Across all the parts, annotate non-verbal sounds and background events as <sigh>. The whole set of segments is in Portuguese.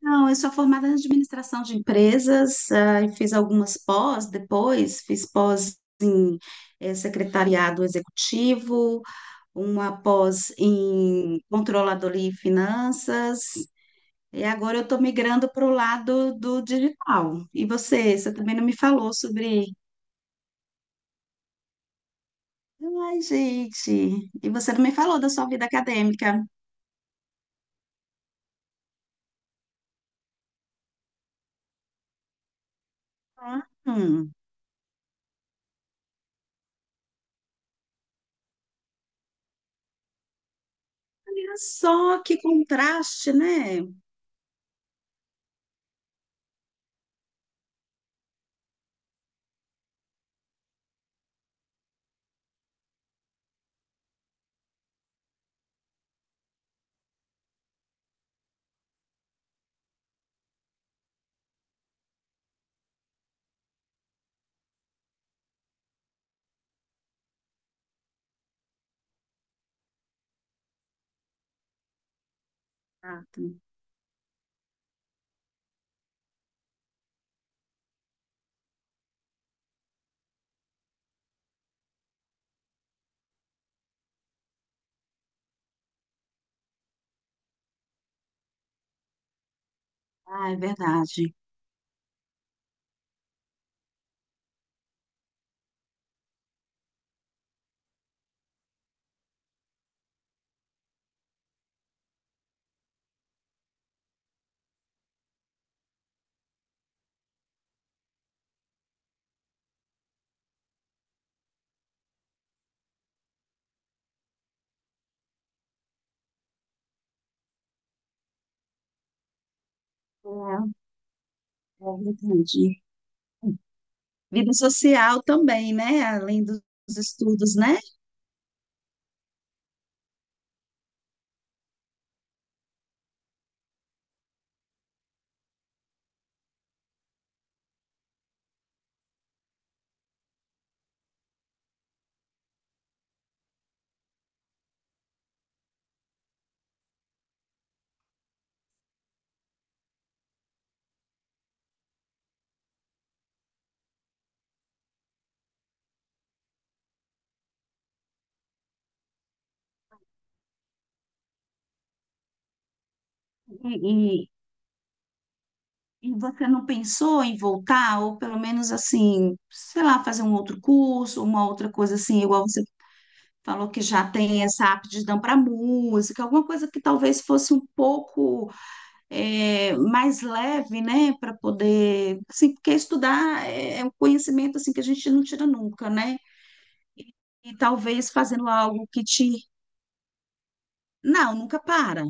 Não, eu sou formada em administração de empresas, e fiz algumas pós depois, fiz pós em secretariado executivo, uma pós em controladoria e finanças, e agora eu estou migrando para o lado do digital. E você, você também não me falou sobre. Ai, gente, e você não me falou da sua vida acadêmica. Hum, olha só que contraste, né? Ah, tá. Ah, é verdade. É verdade. Vida social também, né? Além dos estudos, né? E, e- e você não pensou em voltar, ou pelo menos assim, sei lá, fazer um outro curso, uma outra coisa assim, igual você falou que já tem essa aptidão para música, alguma coisa que talvez fosse um pouco mais leve, né? Para poder, assim, porque estudar é um conhecimento assim que a gente não tira nunca, né? E talvez fazendo algo que te. Não, nunca para.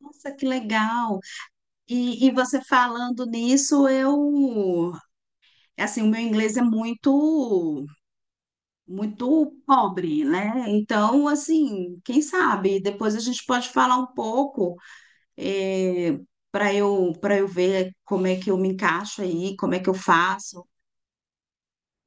Nossa, que legal! E você falando nisso, eu, assim, o meu inglês é muito, muito pobre, né? Então, assim, quem sabe, depois a gente pode falar um pouco, para eu ver como é que eu me encaixo aí, como é que eu faço.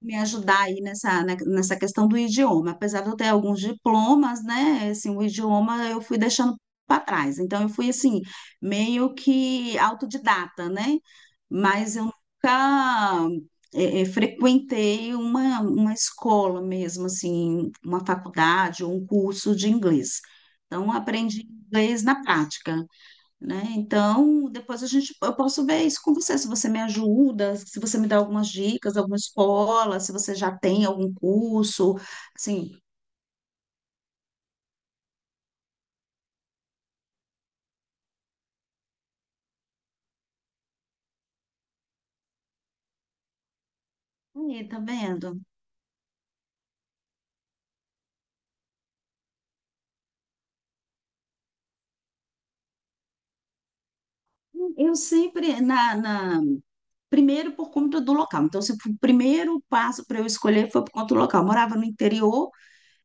Me ajudar aí nessa, né, nessa questão do idioma. Apesar de eu ter alguns diplomas, né, assim, o idioma eu fui deixando para trás. Então eu fui assim, meio que autodidata, né? Mas eu nunca frequentei uma escola mesmo, assim, uma faculdade ou um curso de inglês. Então eu aprendi inglês na prática né? Então, depois a gente, eu posso ver isso com você, se você me ajuda, se você me dá algumas dicas, alguma escola, se você já tem algum curso, assim, aí, tá vendo? Eu sempre, primeiro por conta do local, então, se o primeiro passo para eu escolher foi por conta do local, eu morava no interior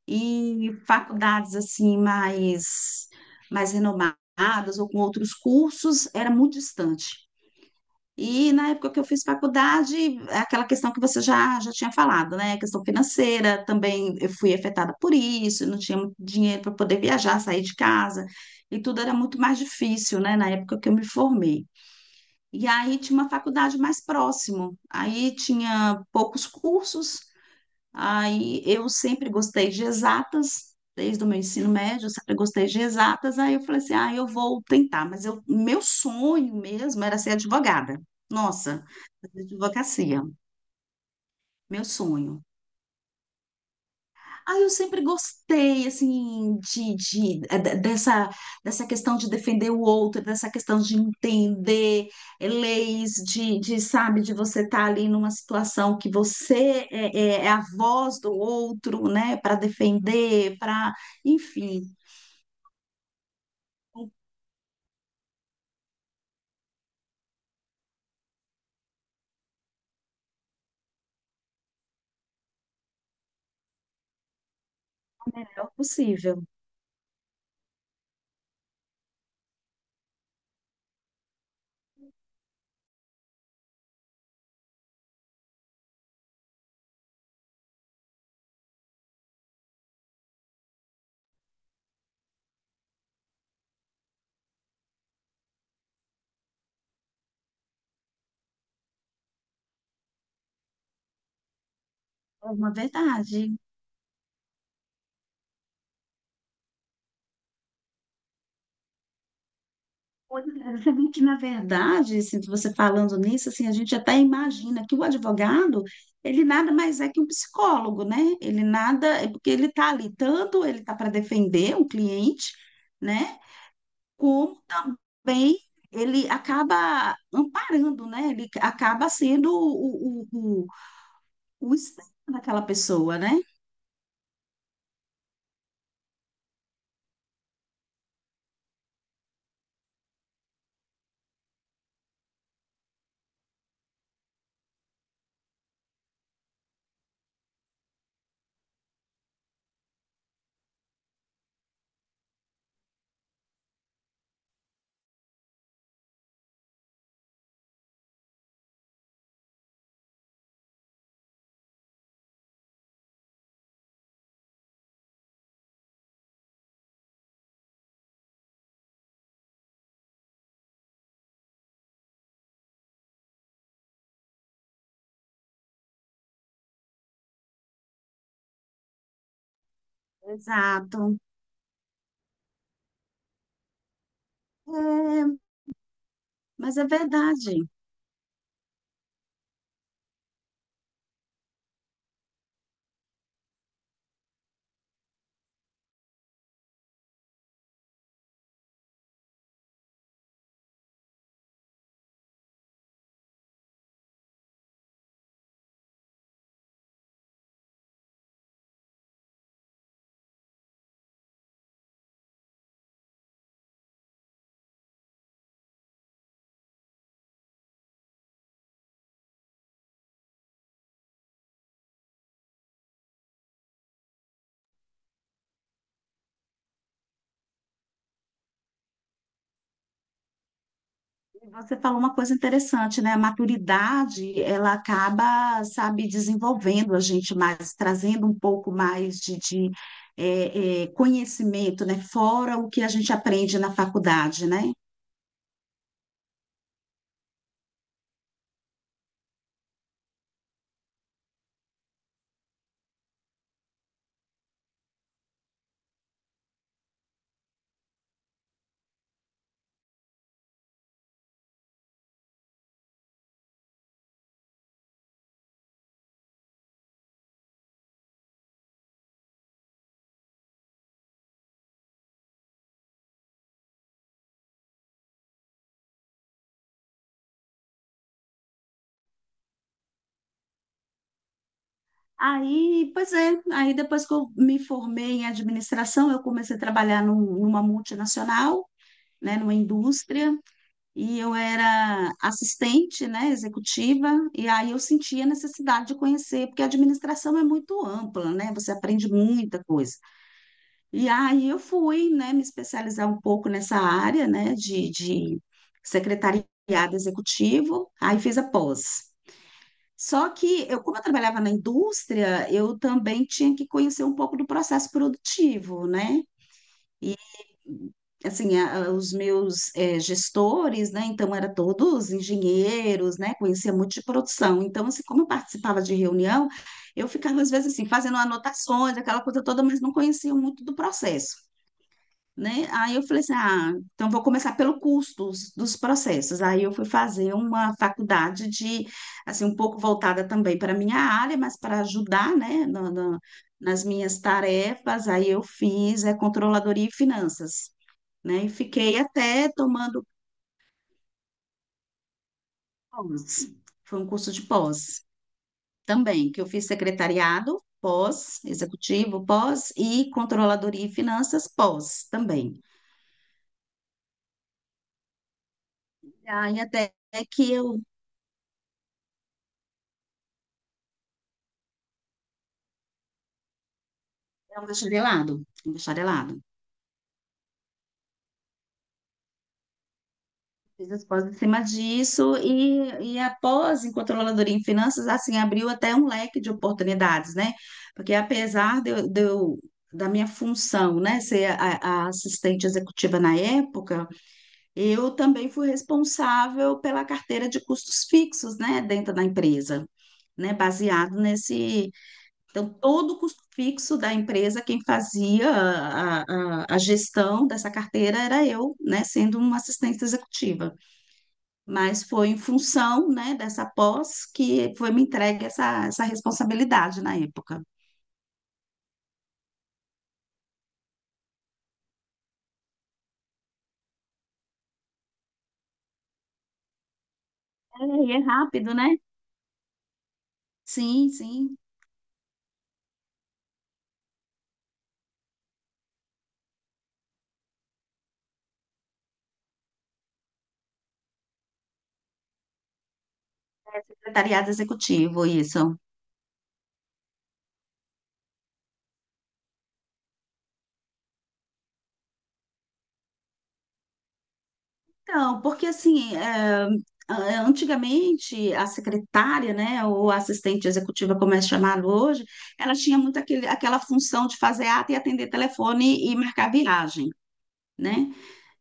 e faculdades, assim, mais, mais renomadas ou com outros cursos, era muito distante. E na época que eu fiz faculdade, aquela questão que você já tinha falado, né? A questão financeira, também eu fui afetada por isso, eu não tinha muito dinheiro para poder viajar, sair de casa, e tudo era muito mais difícil, né? Na época que eu me formei. E aí tinha uma faculdade mais próximo, aí tinha poucos cursos. Aí eu sempre gostei de exatas, desde o meu ensino médio, eu sempre gostei de exatas. Aí eu falei assim: ah, eu vou tentar, mas eu, meu sonho mesmo era ser advogada. Nossa, fazer advocacia, meu sonho. Ah, eu sempre gostei, assim, dessa, dessa questão de defender o outro, dessa questão de entender leis, sabe, de você estar ali numa situação que você é a voz do outro, né, para defender, para, enfim, o melhor possível. É uma verdade. Pois é, gente, <laughs> na verdade, assim, você falando nisso, assim, a gente até imagina que o advogado, ele nada mais é que um psicólogo, né? Ele nada, é porque ele está ali, tanto ele está para defender um cliente, né? Como também ele acaba amparando, né? Ele acaba sendo o espelho daquela pessoa, né? Exato. É, mas é verdade. Você falou uma coisa interessante, né? A maturidade, ela acaba, sabe, desenvolvendo a gente mais, trazendo um pouco mais conhecimento, né? Fora o que a gente aprende na faculdade, né? Aí, pois é, aí depois que eu me formei em administração, eu comecei a trabalhar numa multinacional, né? Numa indústria. E eu era assistente, né, executiva, e aí eu sentia a necessidade de conhecer, porque a administração é muito ampla, né, você aprende muita coisa. E aí eu fui, né, me especializar um pouco nessa área, né, de secretariado executivo, aí fiz a pós. Só que eu, como eu trabalhava na indústria, eu também tinha que conhecer um pouco do processo produtivo, né? Assim, os meus gestores, né, então era todos engenheiros, né, conhecia muito de produção, então assim, como eu participava de reunião, eu ficava às vezes assim, fazendo anotações, aquela coisa toda, mas não conhecia muito do processo, né, aí eu falei assim, ah, então vou começar pelo custo dos processos, aí eu fui fazer uma faculdade de, assim, um pouco voltada também para a minha área, mas para ajudar, né, nas minhas tarefas, aí eu fiz é, controladoria e finanças né? E fiquei até tomando pós. Foi um curso de pós também, que eu fiz secretariado, pós, executivo, pós, e controladoria e finanças, pós também. Aí até que eu é um bacharelado, um bacharelado. Fiz as pós em cima disso e a pós em controladoria em finanças, assim, abriu até um leque de oportunidades, né? Porque apesar de eu, da minha função, né, ser a assistente executiva na época, eu também fui responsável pela carteira de custos fixos, né, dentro da empresa, né, baseado nesse. Então, todo o custo fixo da empresa, quem fazia a gestão dessa carteira era eu, né, sendo uma assistente executiva. Mas foi em função, né, dessa pós que foi me entregue essa, essa responsabilidade na época. É, e é rápido, né? Sim, sim. Secretariado executivo, isso. Então, porque assim, é, antigamente a secretária, né, ou a assistente executiva, como é chamado hoje, ela tinha muito aquele, aquela função de fazer ata e atender telefone e marcar viagem né?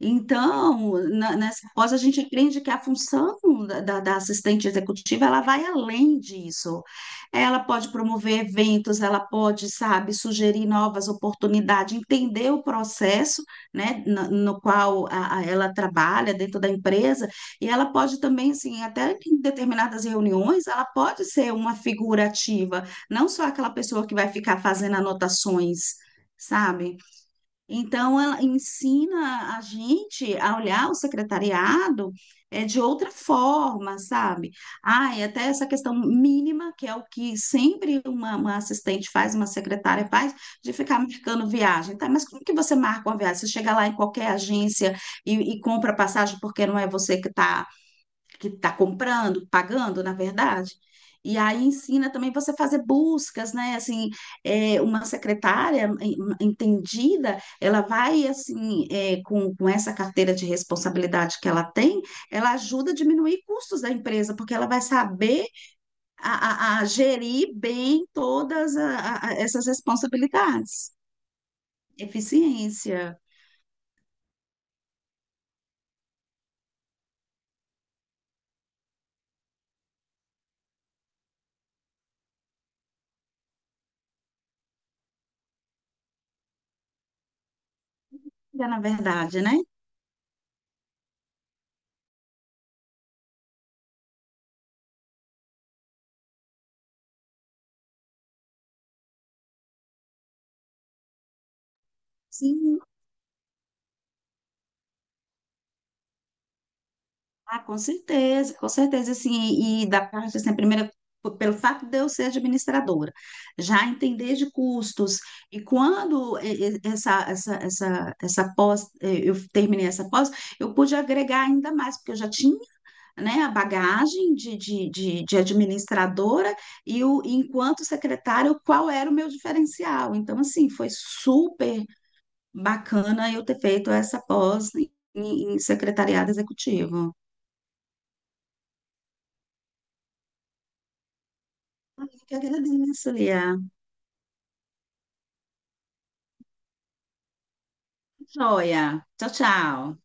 Então, nessa pós, a gente aprende que a função da assistente executiva, ela vai além disso. Ela pode promover eventos, ela pode, sabe, sugerir novas oportunidades, entender o processo, né, na- no, qual ela trabalha dentro da empresa, e ela pode também, assim, até em determinadas reuniões, ela pode ser uma figura ativa, não só aquela pessoa que vai ficar fazendo anotações, sabe? Então, ela ensina a gente a olhar o secretariado é, de outra forma, sabe? Ah, e até essa questão mínima, que é o que sempre uma assistente faz, uma secretária faz, de ficar marcando viagem. Tá, mas como que você marca uma viagem? Você chega lá em qualquer agência e compra passagem porque não é você que está comprando, pagando, na verdade. E aí ensina também você fazer buscas, né? Assim, é, uma secretária entendida, ela vai assim, é, com essa carteira de responsabilidade que ela tem, ela ajuda a diminuir custos da empresa, porque ela vai saber a gerir bem todas essas responsabilidades. Eficiência, na verdade, né? Sim. Ah, com certeza, assim, e, da parte, assim, primeiro, pelo fato de eu ser administradora, já entender de custos, e quando essa pós, eu terminei essa pós, eu pude agregar ainda mais, porque eu já tinha, né, a bagagem de administradora, e o, enquanto secretário, qual era o meu diferencial, então, assim, foi super bacana eu ter feito essa pós em, em secretariado executivo. Eu que agradeço, Lia. Joia. Tchau, tchau.